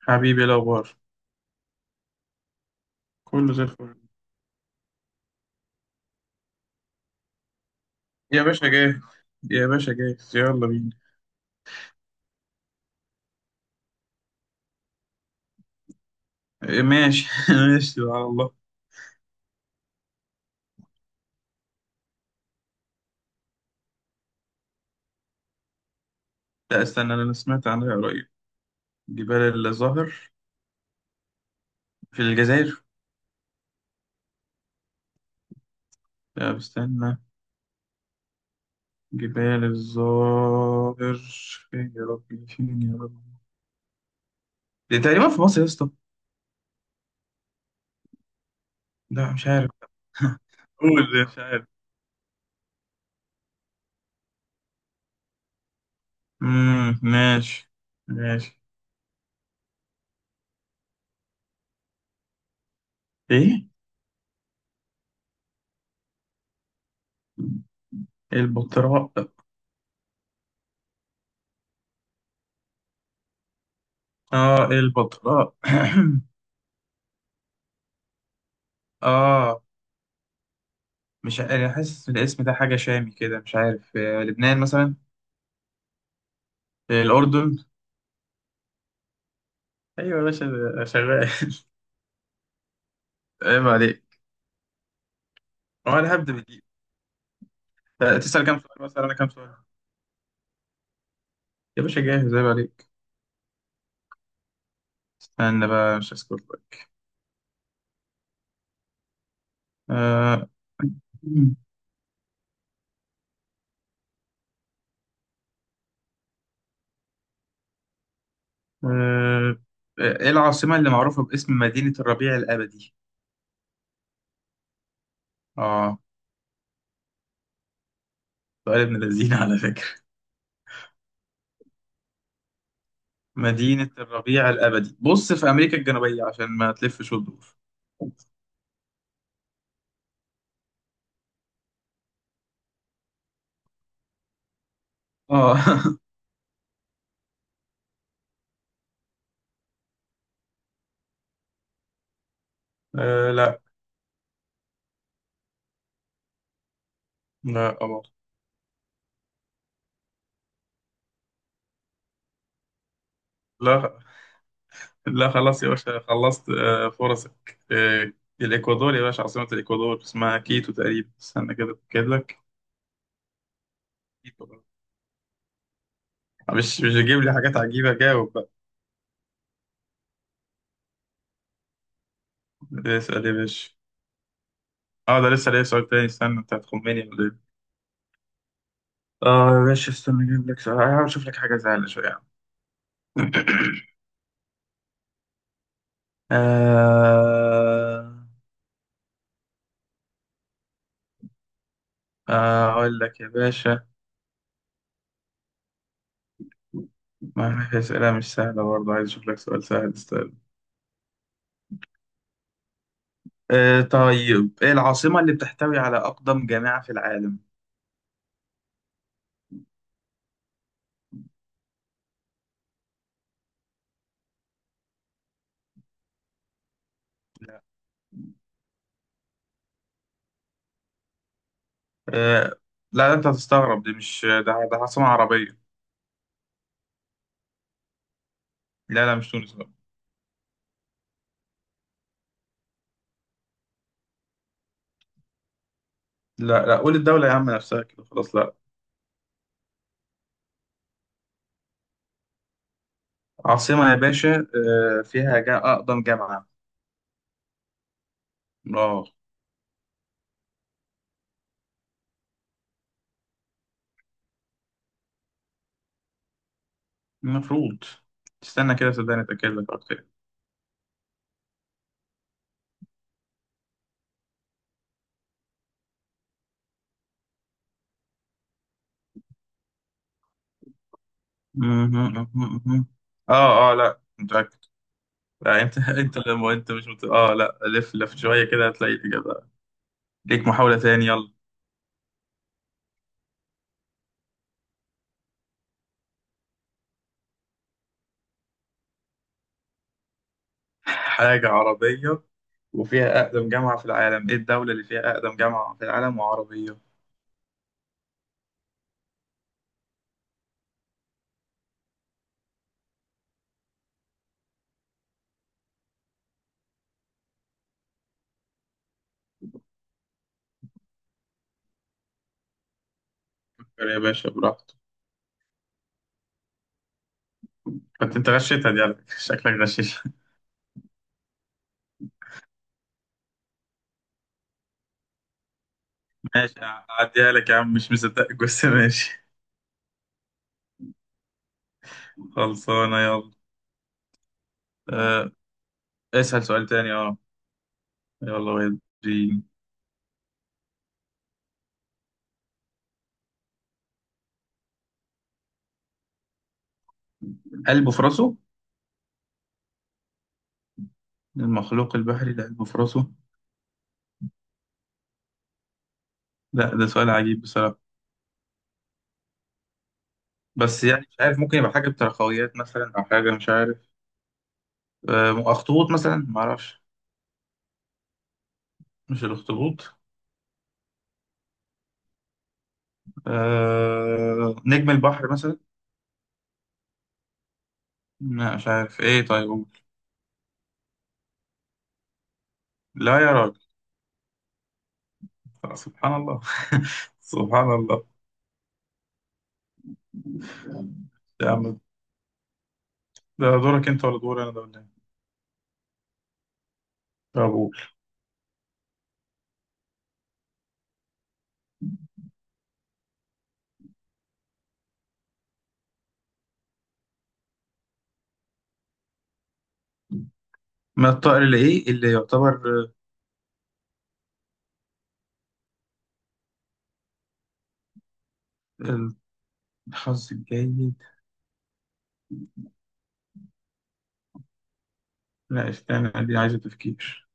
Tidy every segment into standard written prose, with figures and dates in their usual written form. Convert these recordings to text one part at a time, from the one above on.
حبيبي، إيه الأخبار؟ كله زي الفل. يا باشا، جاهز. يا باشا، جاهز، يلا بينا. إيه، ماشي ماشي على الله. لا، استنى، أنا سمعت عنها قريب. جبال الظاهر في الجزائر. لا، استنى. جبال الظاهر. فين يا ربي، فين يا ربي. دي تقريبا في مصر يا اسطى. لا، مش عارف. قول مش عارف. ماشي. ماشي. ايه، البطراء. اه، البطراء. اه. مش ع- انا حاسس إن الاسم ده حاجة شامي كده، مش عارف. لبنان مثلا. الأردن. أيوة يا باشا. ده شغال. عيب عليك. هو أنا هبدأ بدي. تسأل كام سؤال مثلا؟ أنا كام سؤال؟ يا باشا، جاهز، عيب عليك. استنى بقى، مش هسكت لك. آه، آه، إيه العاصمة اللي معروفة باسم مدينة الربيع الأبدي؟ آه سؤال ابن لذينة على فكرة. مدينة الربيع الأبدي، بص في أمريكا الجنوبية عشان ما تلفش وتدور. آه. لا. لا. لا لا، خلاص يا باشا، خلصت فرصك. الإكوادور يا باشا. عاصمة الإكوادور اسمها كيتو تقريبا. استنى كده أتأكد لك. كيتو بقى. مش تجيب لي حاجات عجيبة، جاوب بقى. اسأل يا باشا. اه، ده لسه ليا سؤال تاني. استنى، أنت هتخمني ولا إيه؟ اه يا باشا، استنى أجيب لك سؤال، هحاول أشوف لك حاجة زعلة شوية يا عم. آه، أقول لك يا باشا. ما في أسئلة مش سهلة، برضه عايز أشوف لك سؤال سهل. طيب، ايه العاصمة اللي بتحتوي على أقدم جامعة في العالم؟ آه، لا لا، انت هتستغرب، دي مش ده عاصمة عربية. لا لا، مش تونس، لا. لا لا، قول الدولة يا عم نفسها كده، خلاص، لا. عاصمة يا باشا فيها جا أقدم جامعة. اه. المفروض. استنى كده صدقني اتأكد لك أكتر. مهم، مهم، مهم. اه اه، لا، متأكد. لا، انت انت لما انت مش مت... اه لا، لف لف شوية كده هتلاقي الإجابة. ليك محاولة تاني، يلا. حاجة عربية. وفيها أقدم جامعة في العالم. إيه الدولة اللي فيها أقدم جامعة في العالم وعربية؟ فكر يا باشا براحتك. كنت أنت غشيتها دي على فكرة. شكلك غشيش. ماشي، أعديها لك يا عم، مش مصدقك بس ماشي. خلصانة، يلا. أه. اسأل سؤال تاني، أه. يلا ودي. قلبه في راسه؟ المخلوق البحري ده قلبه في راسه؟ لا، ده سؤال عجيب بصراحة. بس يعني مش عارف، ممكن يبقى حاجة بتراخويات مثلا أو حاجة، مش عارف. أخطبوط مثلا، معرفش. مش الأخطبوط. نجم البحر مثلا. لا، مش عارف ايه، طيب. لا يا راجل. سبحان الله. سبحان الله. يا عم. ده دورك انت ولا دور انا ده ولا ايه؟ طب قول. ما الطائر اللي ايه اللي يعتبر؟ آه، الحظ الجيد. لا، استنى، دي عايزة تفكير.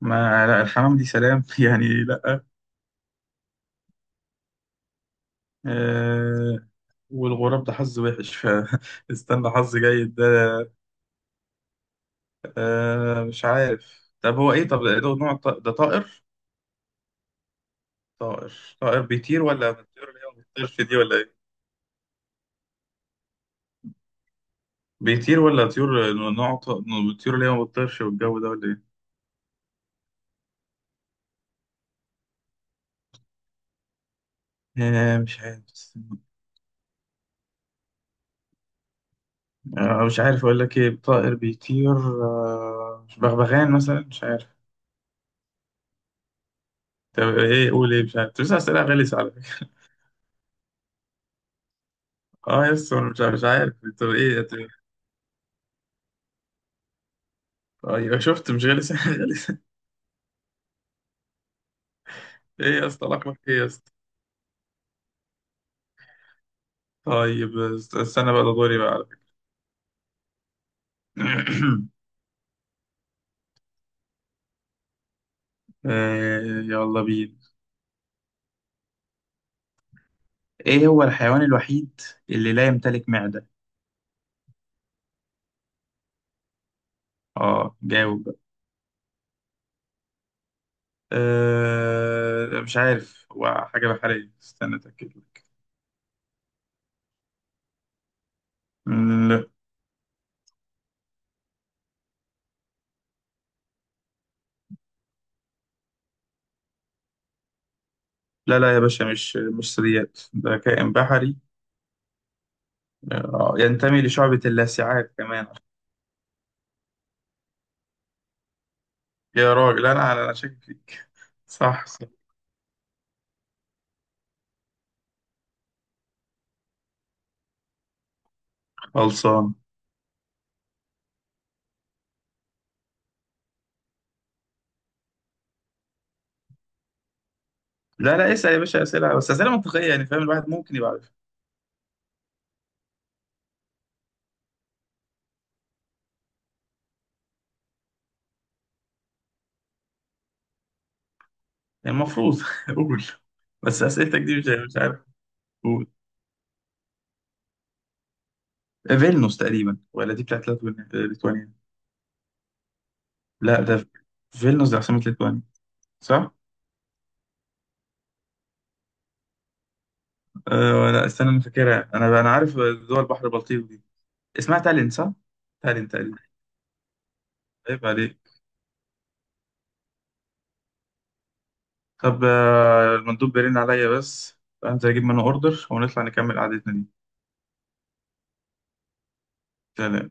ما لا، الحمام دي سلام يعني لا. آه. والغراب ده حظ وحش. فاستنى، حظ جيد ده. مش عارف. طب هو ايه؟ طب ده نوع ده طائر؟ طائر. طائر بيطير ولا بيطير اللي هي ما بتطيرش دي ولا ايه؟ بيطير ولا طيور نوع الطيور اللي هي ما بتطيرش والجو ده ولا ايه؟ مش عارف. مش عارف اقول لك ايه طائر بيطير. مش بغبغان مثلا، مش عارف. طب ايه؟ قول ايه، مش عارف، بس اسئله غلسه على فكره. اه يس، انا مش عارف، مش عارف. طب ايه؟ طيب. ايوه، شفت؟ مش غلسه غلسه. ايه يا اسطى؟ لقبك ايه يا اسطى؟ طيب استنى بقى، ده دوري بقى على فكره. يلا بينا. ايه هو الحيوان الوحيد اللي لا يمتلك معده؟ اه، جاوب. مش عارف، هو حاجة بحرية، استنى أتأكد لك. مم، لا لا يا باشا، مش ثدييات، ده كائن بحري. ينتمي لشعبة اللاسعات كمان. يا راجل، أنا شاكك فيك. صح، صح. خلصان. لا لا، اسأل يا باشا أسئلة، بس أسئلة منطقية يعني فاهم، الواحد ممكن يبقى عارف. يعني المفروض قول. بس أسئلتك دي مش عارف. قول. فيلنوس تقريبا، ولا دي بتاعت ليتوانيا. لا، ده. فيلنوس ده عاصمة ليتوانيا، صح؟ أه، لا، استنى، انا فاكرها، انا عارف دول بحر البلطيق دي. اسمها تالين صح؟ تالين تقريبا. عيب عليك. طب المندوب بيرن عليا بس، فانزل اجيب منه اوردر ونطلع نكمل قعدتنا دي. سلام.